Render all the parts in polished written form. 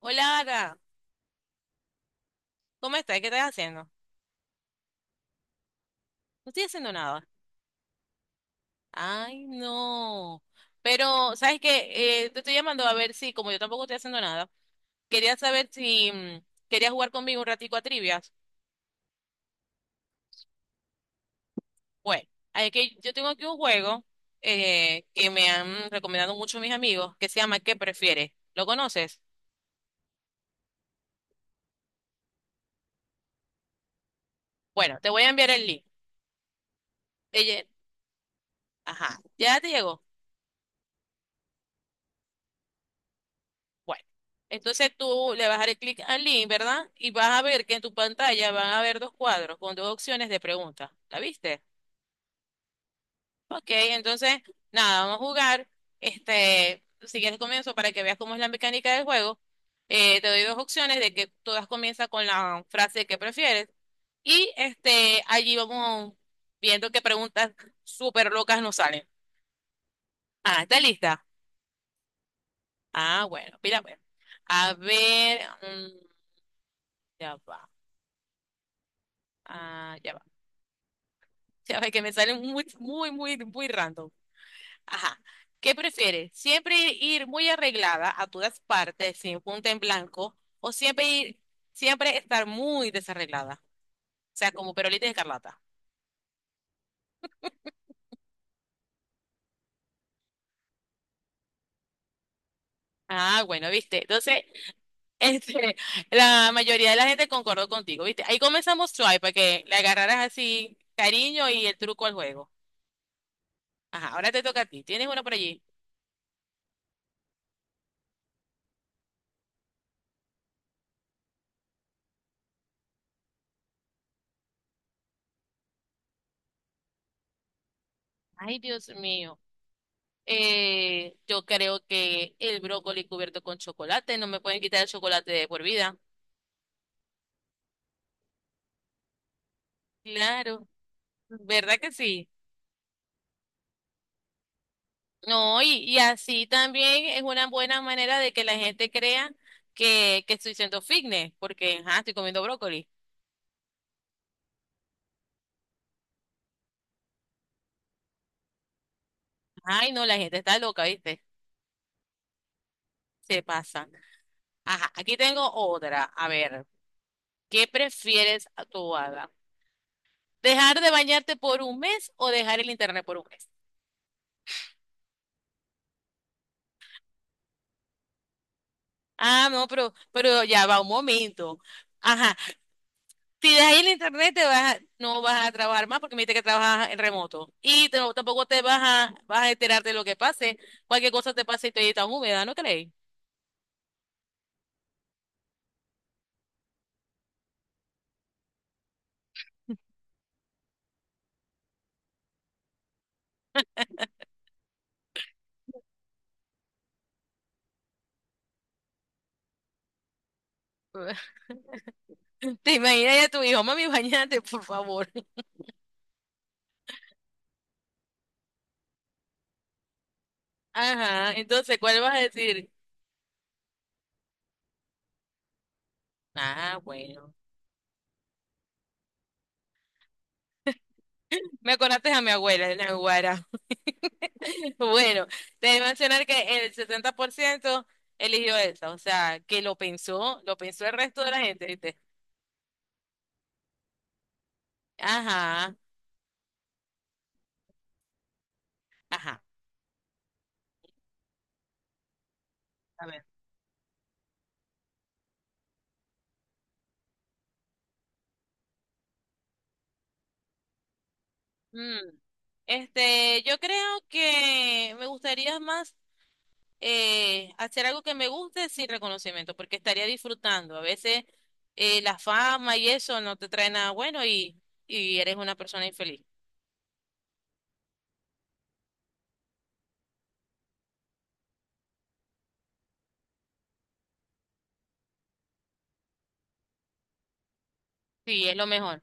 Hola, Ara. ¿Cómo estás? ¿Qué estás haciendo? No estoy haciendo nada. Ay, no. Pero, ¿sabes qué? Te estoy llamando a ver si, como yo tampoco estoy haciendo nada, quería saber si querías jugar conmigo un ratico a trivias. Bueno, hay que, yo tengo aquí un juego que me han recomendado mucho mis amigos que se llama ¿Qué prefieres? ¿Lo conoces? Bueno, te voy a enviar el link. Ella, ajá, ya te llegó. Bueno, entonces tú le vas a dar clic al link, ¿verdad? Y vas a ver que en tu pantalla van a haber dos cuadros con dos opciones de preguntas. ¿La viste? Ok, entonces, nada, vamos a jugar. Este, si quieres comienzo para que veas cómo es la mecánica del juego. Te doy dos opciones de que todas comienzan con la frase que prefieres. Y este, allí vamos viendo qué preguntas súper locas nos salen. Ah, ¿está lista? Ah, bueno, mira, pues. A ver, ya va. Ah, ya va. Ya ve que me salen muy, muy, muy, muy random. Ajá. ¿Qué prefieres? ¿Siempre ir muy arreglada a todas partes, sin punta en blanco, o siempre ir, siempre estar muy desarreglada? O sea, como perolita de escarlata. Ah, bueno, viste. Entonces, este, la mayoría de la gente concordó contigo, viste. Ahí comenzamos suave para que le agarraras así cariño y el truco al juego. Ajá, ahora te toca a ti. ¿Tienes uno por allí? Ay, Dios mío. Yo creo que el brócoli cubierto con chocolate, no me pueden quitar el chocolate de por vida. Claro, ¿verdad que sí? No, y así también es una buena manera de que la gente crea que estoy siendo fitness, porque ajá, estoy comiendo brócoli. Ay, no, la gente está loca, ¿viste? Se pasa. Ajá, aquí tengo otra. A ver, ¿qué prefieres a tu hada? ¿Dejar de bañarte por un mes o dejar el internet por un mes? Ah, no, pero ya va un momento. Ajá, si dejas ahí el internet, te vas, a- no vas a trabajar más porque me dijiste que trabajas en remoto. Y te- no- tampoco te vas a, vas a enterar de lo que pase. Cualquier cosa te pase y te tan húmeda, ¿no crees? Te imaginas ya tu hijo, mami, bañate, por favor. Ajá, entonces, ¿cuál vas a decir? Ah, bueno. Me acordaste a mi abuela, la Guara. Bueno, te voy a mencionar que el 70% eligió esa, o sea, que lo pensó el resto de la gente, ¿viste? Ajá, ajá. Mm, este, yo creo que me gustaría más hacer algo que me guste sin reconocimiento, porque estaría disfrutando. A veces la fama y eso no te trae nada bueno y eres una persona infeliz. Sí, es lo mejor.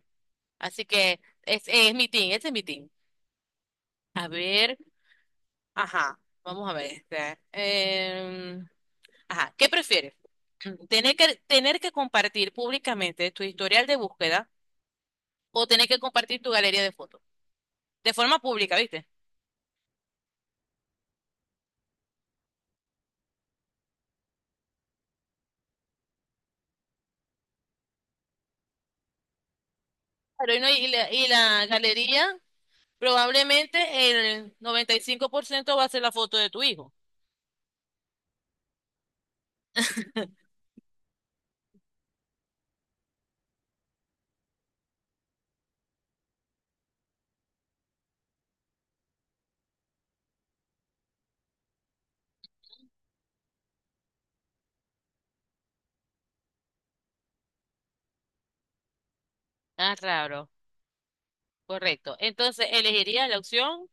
Así que es mi team, ese es mi team. A ver, ajá, vamos a ver. Ajá, ¿qué prefieres? Tener que compartir públicamente tu historial de búsqueda o tener que compartir tu galería de fotos de forma pública, ¿viste? Pero y, no- y la galería, probablemente el 95% va a ser la foto de tu hijo. Ah, claro, correcto. Entonces, elegirías la opción,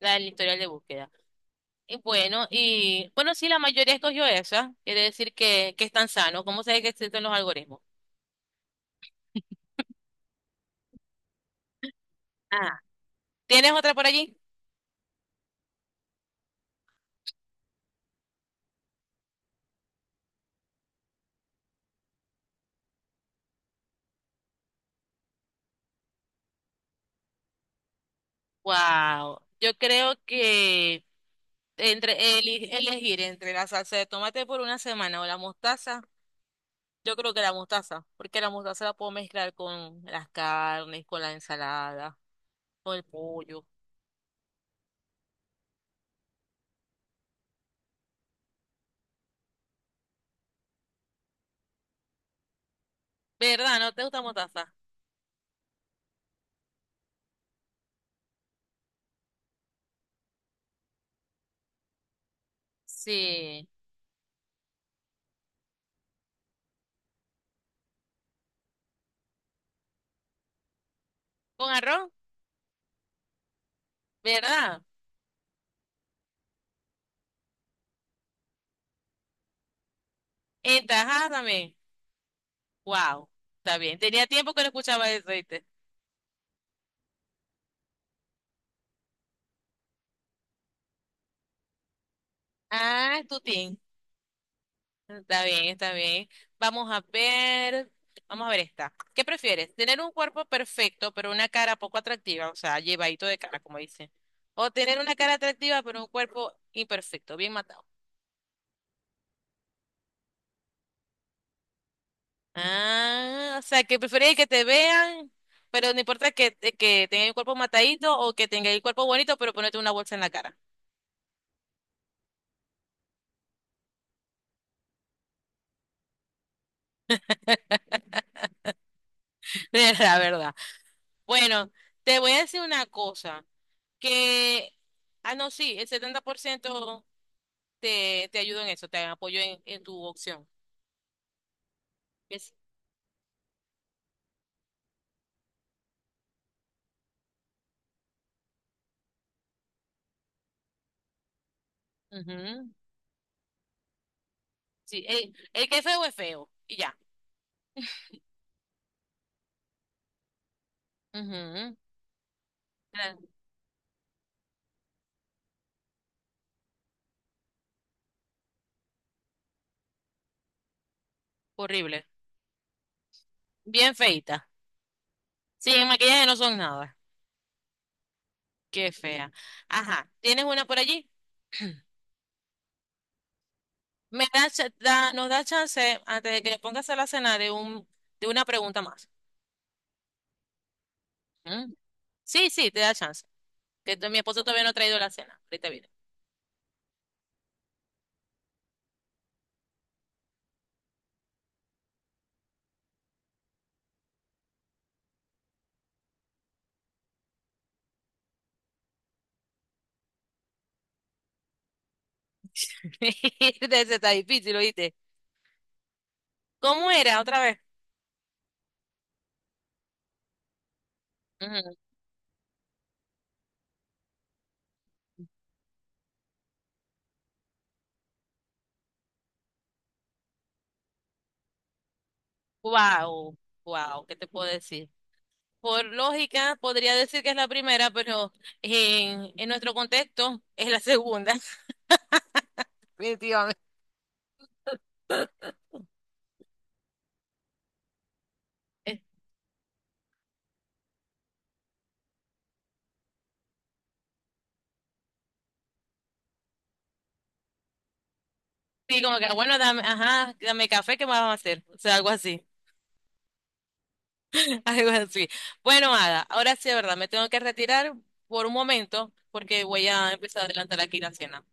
la del historial de búsqueda. Y bueno, sí, la mayoría escogió esa, quiere decir que están sanos. ¿Cómo se ve que existen los algoritmos? Ah, ¿tienes otra por allí? Wow, yo creo que entre eli- elegir entre la salsa de tomate por una semana o la mostaza. Yo creo que la mostaza, porque la mostaza la puedo mezclar con las carnes, con la ensalada, con el pollo. ¿Verdad? ¿No te gusta mostaza? Sí. ¿Con arroz? ¿Verdad? En tajada también. Wow. Está bien. Tenía tiempo que no escuchaba eso, ¿viste? Ah, es tu team. Está bien, está bien. Vamos a ver. Vamos a ver esta. ¿Qué prefieres? ¿Tener un cuerpo perfecto, pero una cara poco atractiva? O sea, llevadito de cara, como dicen. O tener una cara atractiva, pero un cuerpo imperfecto, bien matado. Ah, o sea, que preferís que te vean, pero no importa que, te- que tenga el cuerpo matadito o que tenga el cuerpo bonito, pero ponerte una bolsa en la cara. Es la verdad. Bueno, te voy a decir una cosa, que, ah, no, sí, el 70% te ayuda en eso, te apoyo en tu opción. Es- ujú, sí, el que es feo, y ya. Ujú, ah, horrible. Bien feita. Sí, en maquillaje no son nada. Qué fea. Ajá, ¿tienes una por allí? Me da, cha- da- nos da chance, antes de que le pongas a la cena, de un, de una pregunta más. ¿Mm? Sí, sí, te da chance. Que t- mi esposo todavía no ha traído la cena. Ahorita viene. Ese está difícil, ¿oíste? ¿Cómo era otra vez? Wow, wow, ¿qué te puedo decir? Por lógica, podría decir que es la primera, pero en nuestro contexto es la segunda. Definitivamente. Eh, Sí, como que, "Ah, bueno, dame, ajá, dame café, ¿qué más vamos a hacer?" O sea, algo así. Algo así. Bueno, Ada, ahora sí, de verdad, me tengo que retirar por un momento porque voy a empezar a adelantar aquí la cena.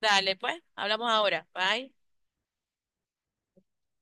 Dale, pues, hablamos ahora. Bye.